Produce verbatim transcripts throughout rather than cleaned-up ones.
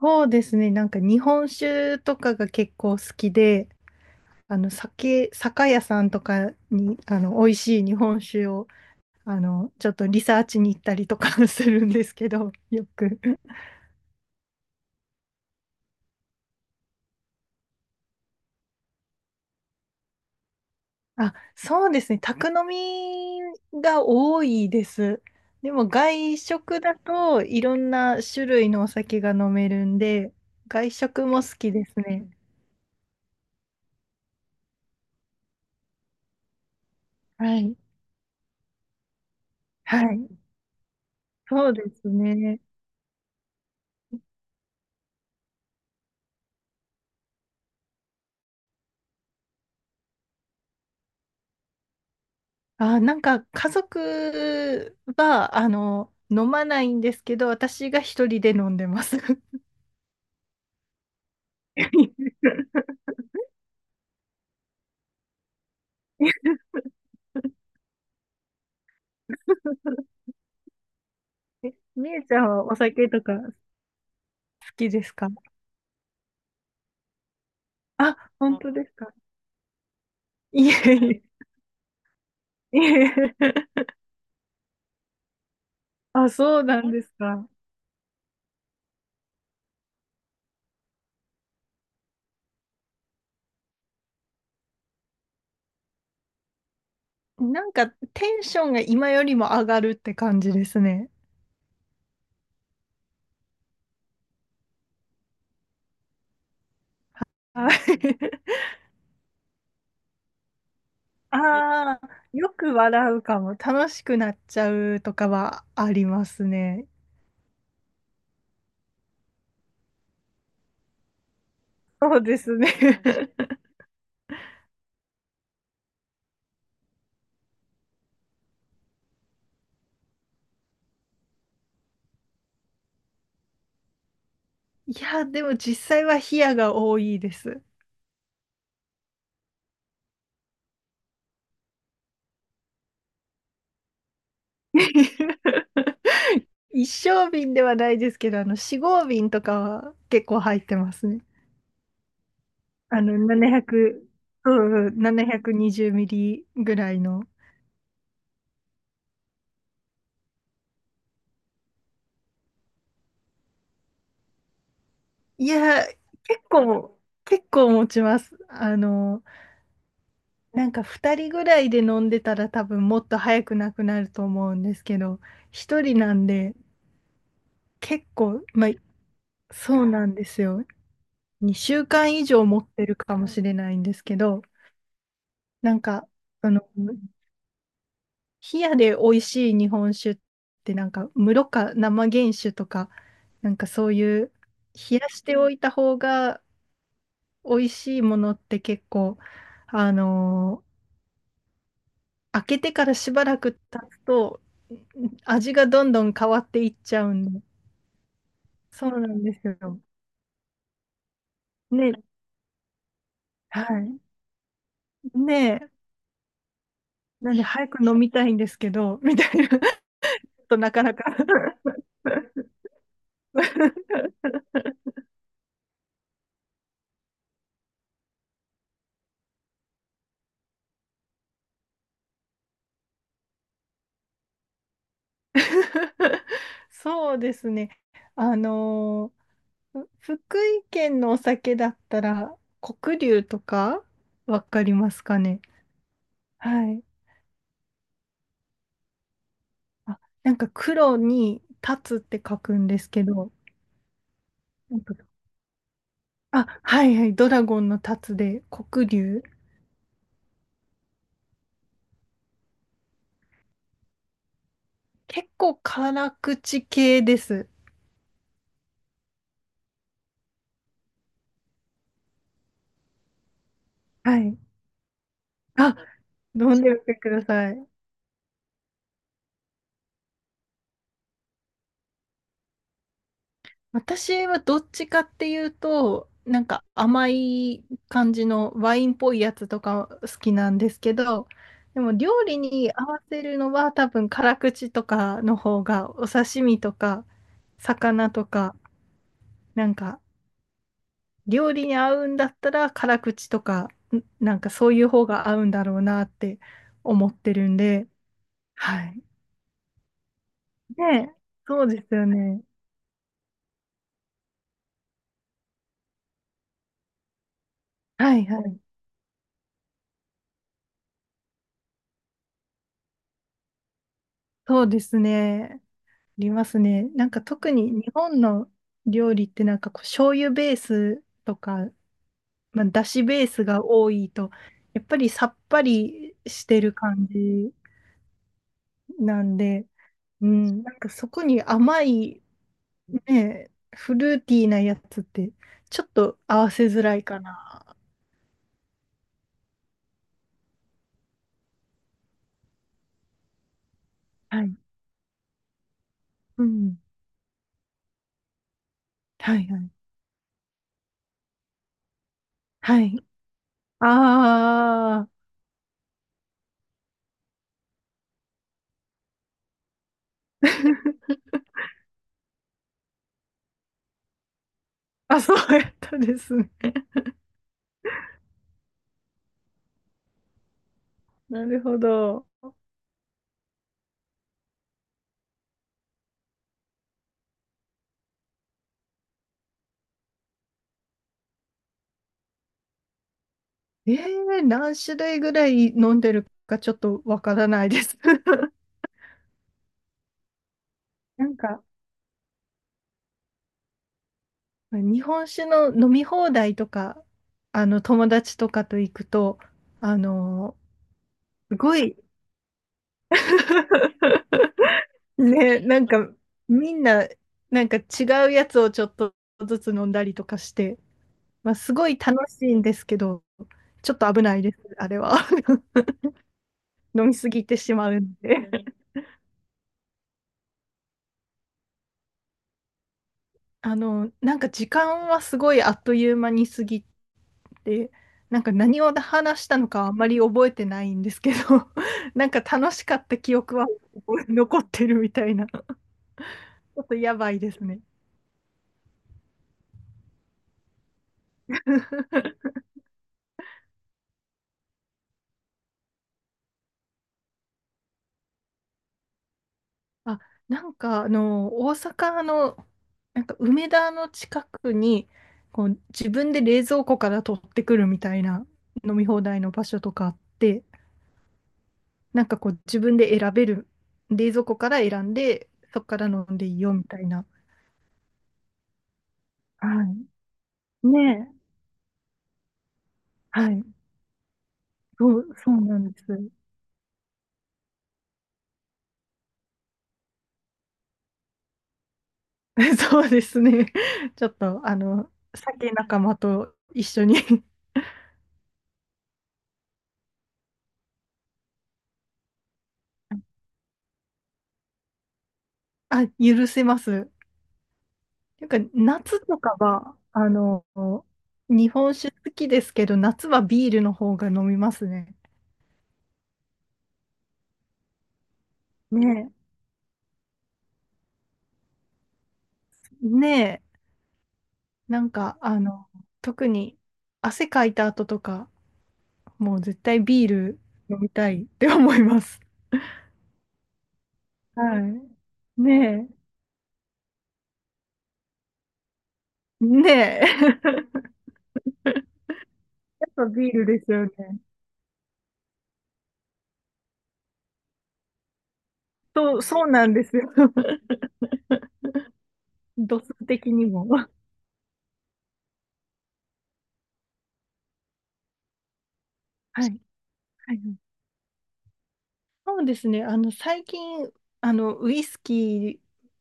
そうですね。なんか日本酒とかが結構好きで、あの酒、酒屋さんとかにあの美味しい日本酒をあのちょっとリサーチに行ったりとか するんですけど、よく。あ、そうですね。宅飲みが多いです。でも外食だといろんな種類のお酒が飲めるんで、外食も好きですね。はい。はい。そうですね。あ、なんか家族は、あの、飲まないんですけど、私が一人で飲んでます。えみゆちゃんはお酒とか好きですか？あ、本当当ですかいえいえ。いえ、あ、そうなんですか。なんかテンションが今よりも上がるって感じですね。はい。ああ、よく笑うかも。楽しくなっちゃうとかはありますね。そうですね。いや、でも実際は冷やが多いです。一升瓶ではないですけど、あの、四合瓶とかは結構入ってますね。あの、ななひゃく、うんうん、ななひゃくにじゅうミリぐらいの。いや、結構、結構持ちます。あの、なんかふたりぐらいで飲んでたら多分もっと早くなくなると思うんですけど、ひとりなんで結構、まあ、そうなんですよ。にしゅうかん以上持ってるかもしれないんですけど、なんか、あの、冷やで美味しい日本酒ってなんか、室か生原酒とか、なんかそういう、冷やしておいた方が美味しいものって結構、あの開けてからしばらく経つと、味がどんどん変わっていっちゃうんで。そうなんですよ。ね、はい。ねえ、なんで早く飲みたいんですけど、みたいな、ちょっとなかなか。 そうですね。あのーふ福井県のお酒だったら、黒龍とか、わかりますかね。はい。あ、なんか黒に立つって書くんですけど、なんかあ、はいはい、ドラゴンの立つで、黒龍。結構辛口系です。はい。あ、飲んでみてください。私はどっちかっていうと、なんか甘い感じのワインっぽいやつとか好きなんですけど、でも料理に合わせるのは多分辛口とかの方が、お刺身とか魚とか、なんか料理に合うんだったら辛口とか、んなんかそういう方が合うんだろうなって思ってるんで、はい。ね、そうですよね。はいはい。そうですね。ありますね。なんか特に日本の料理ってなんかこう醤油ベースとか、まあ、だしベースが多いと、やっぱりさっぱりしてる感じなんで、うん、なんかそこに甘いね、フルーティーなやつってちょっと合わせづらいかな。はい。うん。はいはい。はい。ああ。あ、そうやったですね。なるほど。ええ何種類ぐらい飲んでるかちょっとわからないです。なんか、日本酒の飲み放題とか、あの、友達とかと行くと、あの、すごい。 ね、なんか、みんな、なんか違うやつをちょっとずつ飲んだりとかして、まあ、すごい楽しいんですけど、ちょっと危ないです、あれは。飲みすぎてしまうんで。あの、なんか時間はすごいあっという間に過ぎで、なんか何を話したのかあんまり覚えてないんですけど、なんか楽しかった記憶は残ってるみたいな、ちょっとやばいですね。あ、なんかあの、大阪の、なんか梅田の近くに、こう自分で冷蔵庫から取ってくるみたいな飲み放題の場所とかあって、なんかこう自分で選べる、冷蔵庫から選んで、そこから飲んでいいよみたいな。はい。ねえ。はい。そう、そうなんです。そうですね。ちょっと、あの、酒仲間と一緒に。 あ、許せます。なんか、夏とかは、あの、日本酒好きですけど、夏はビールの方が飲みますね。ねえ、ねえ、なんか、あの、特に汗かいた後とか、もう絶対ビール飲みたいって思います。はい。ねえ、ねえ。やっぱビールですよね。そう、そうなんですよ。度数的にも。はい。はいはい。そうですね。あの、最近、あの、ウイスキ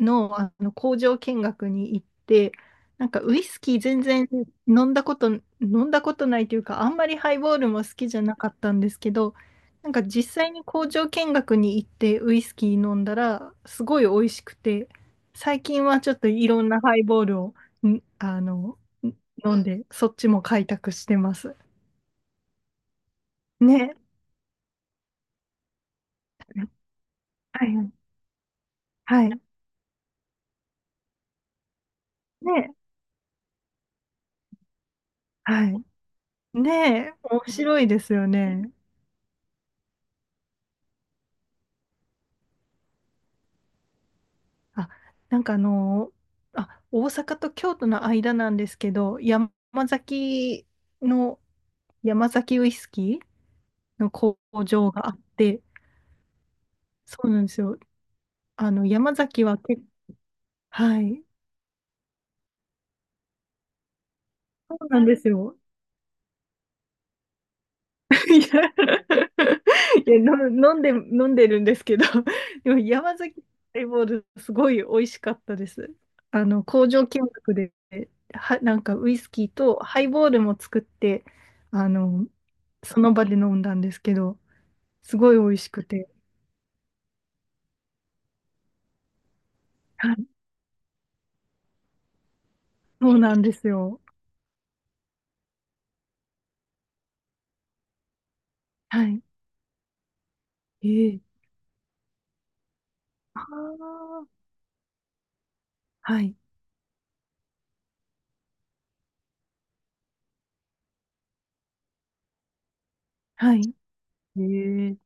ーの、あの工場見学に行って、なんかウイスキー全然飲んだこと、飲んだことないというか、あんまりハイボールも好きじゃなかったんですけど、なんか実際に工場見学に行ってウイスキー飲んだら、すごい美味しくて、最近はちょっといろんなハイボールを、んあの、ん飲んで、そっちも開拓してます。ね。はいはいはい。ね、はい。ねえ、面白いですよね。あ、なんかあの、あ、大阪と京都の間なんですけど、山崎の、山崎ウイスキーの工場があって、そうなんですよ。あの、山崎はけ、はい。そうなんですよ。いや、いやの飲んで、飲んでるんですけど、でも山崎ハイボール、すごい美味しかったです。あの、工場見学で、は、なんかウイスキーとハイボールも作って、あの、その場で飲んだんですけど、すごい美味しくて。はい、そうなんですよ。はい。ええ。ああ、はい。はい。ええ。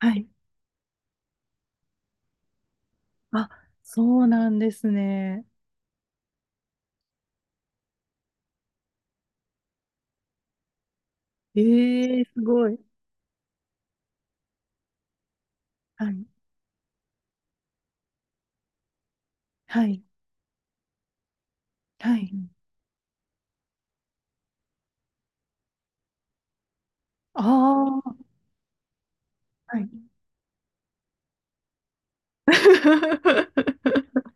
はい。あ、そうなんですね。ええ、すごい。はい。はい。はい。ああ、はい。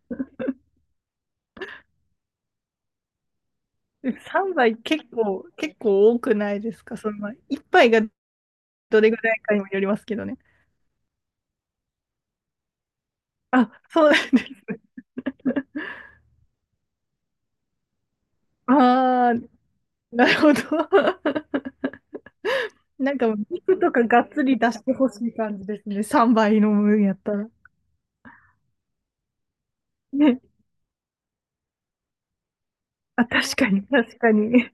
さんばい、結構、結構多くないですか？その、いっぱいがどれぐらいかにもよりますけどね。あ、そうなんです。ああ、なるほど。なんかもう肉とかがっつり出してほしい感じですね。さんばい飲むんばいの分やったら。ね。あ、確かに、確かに。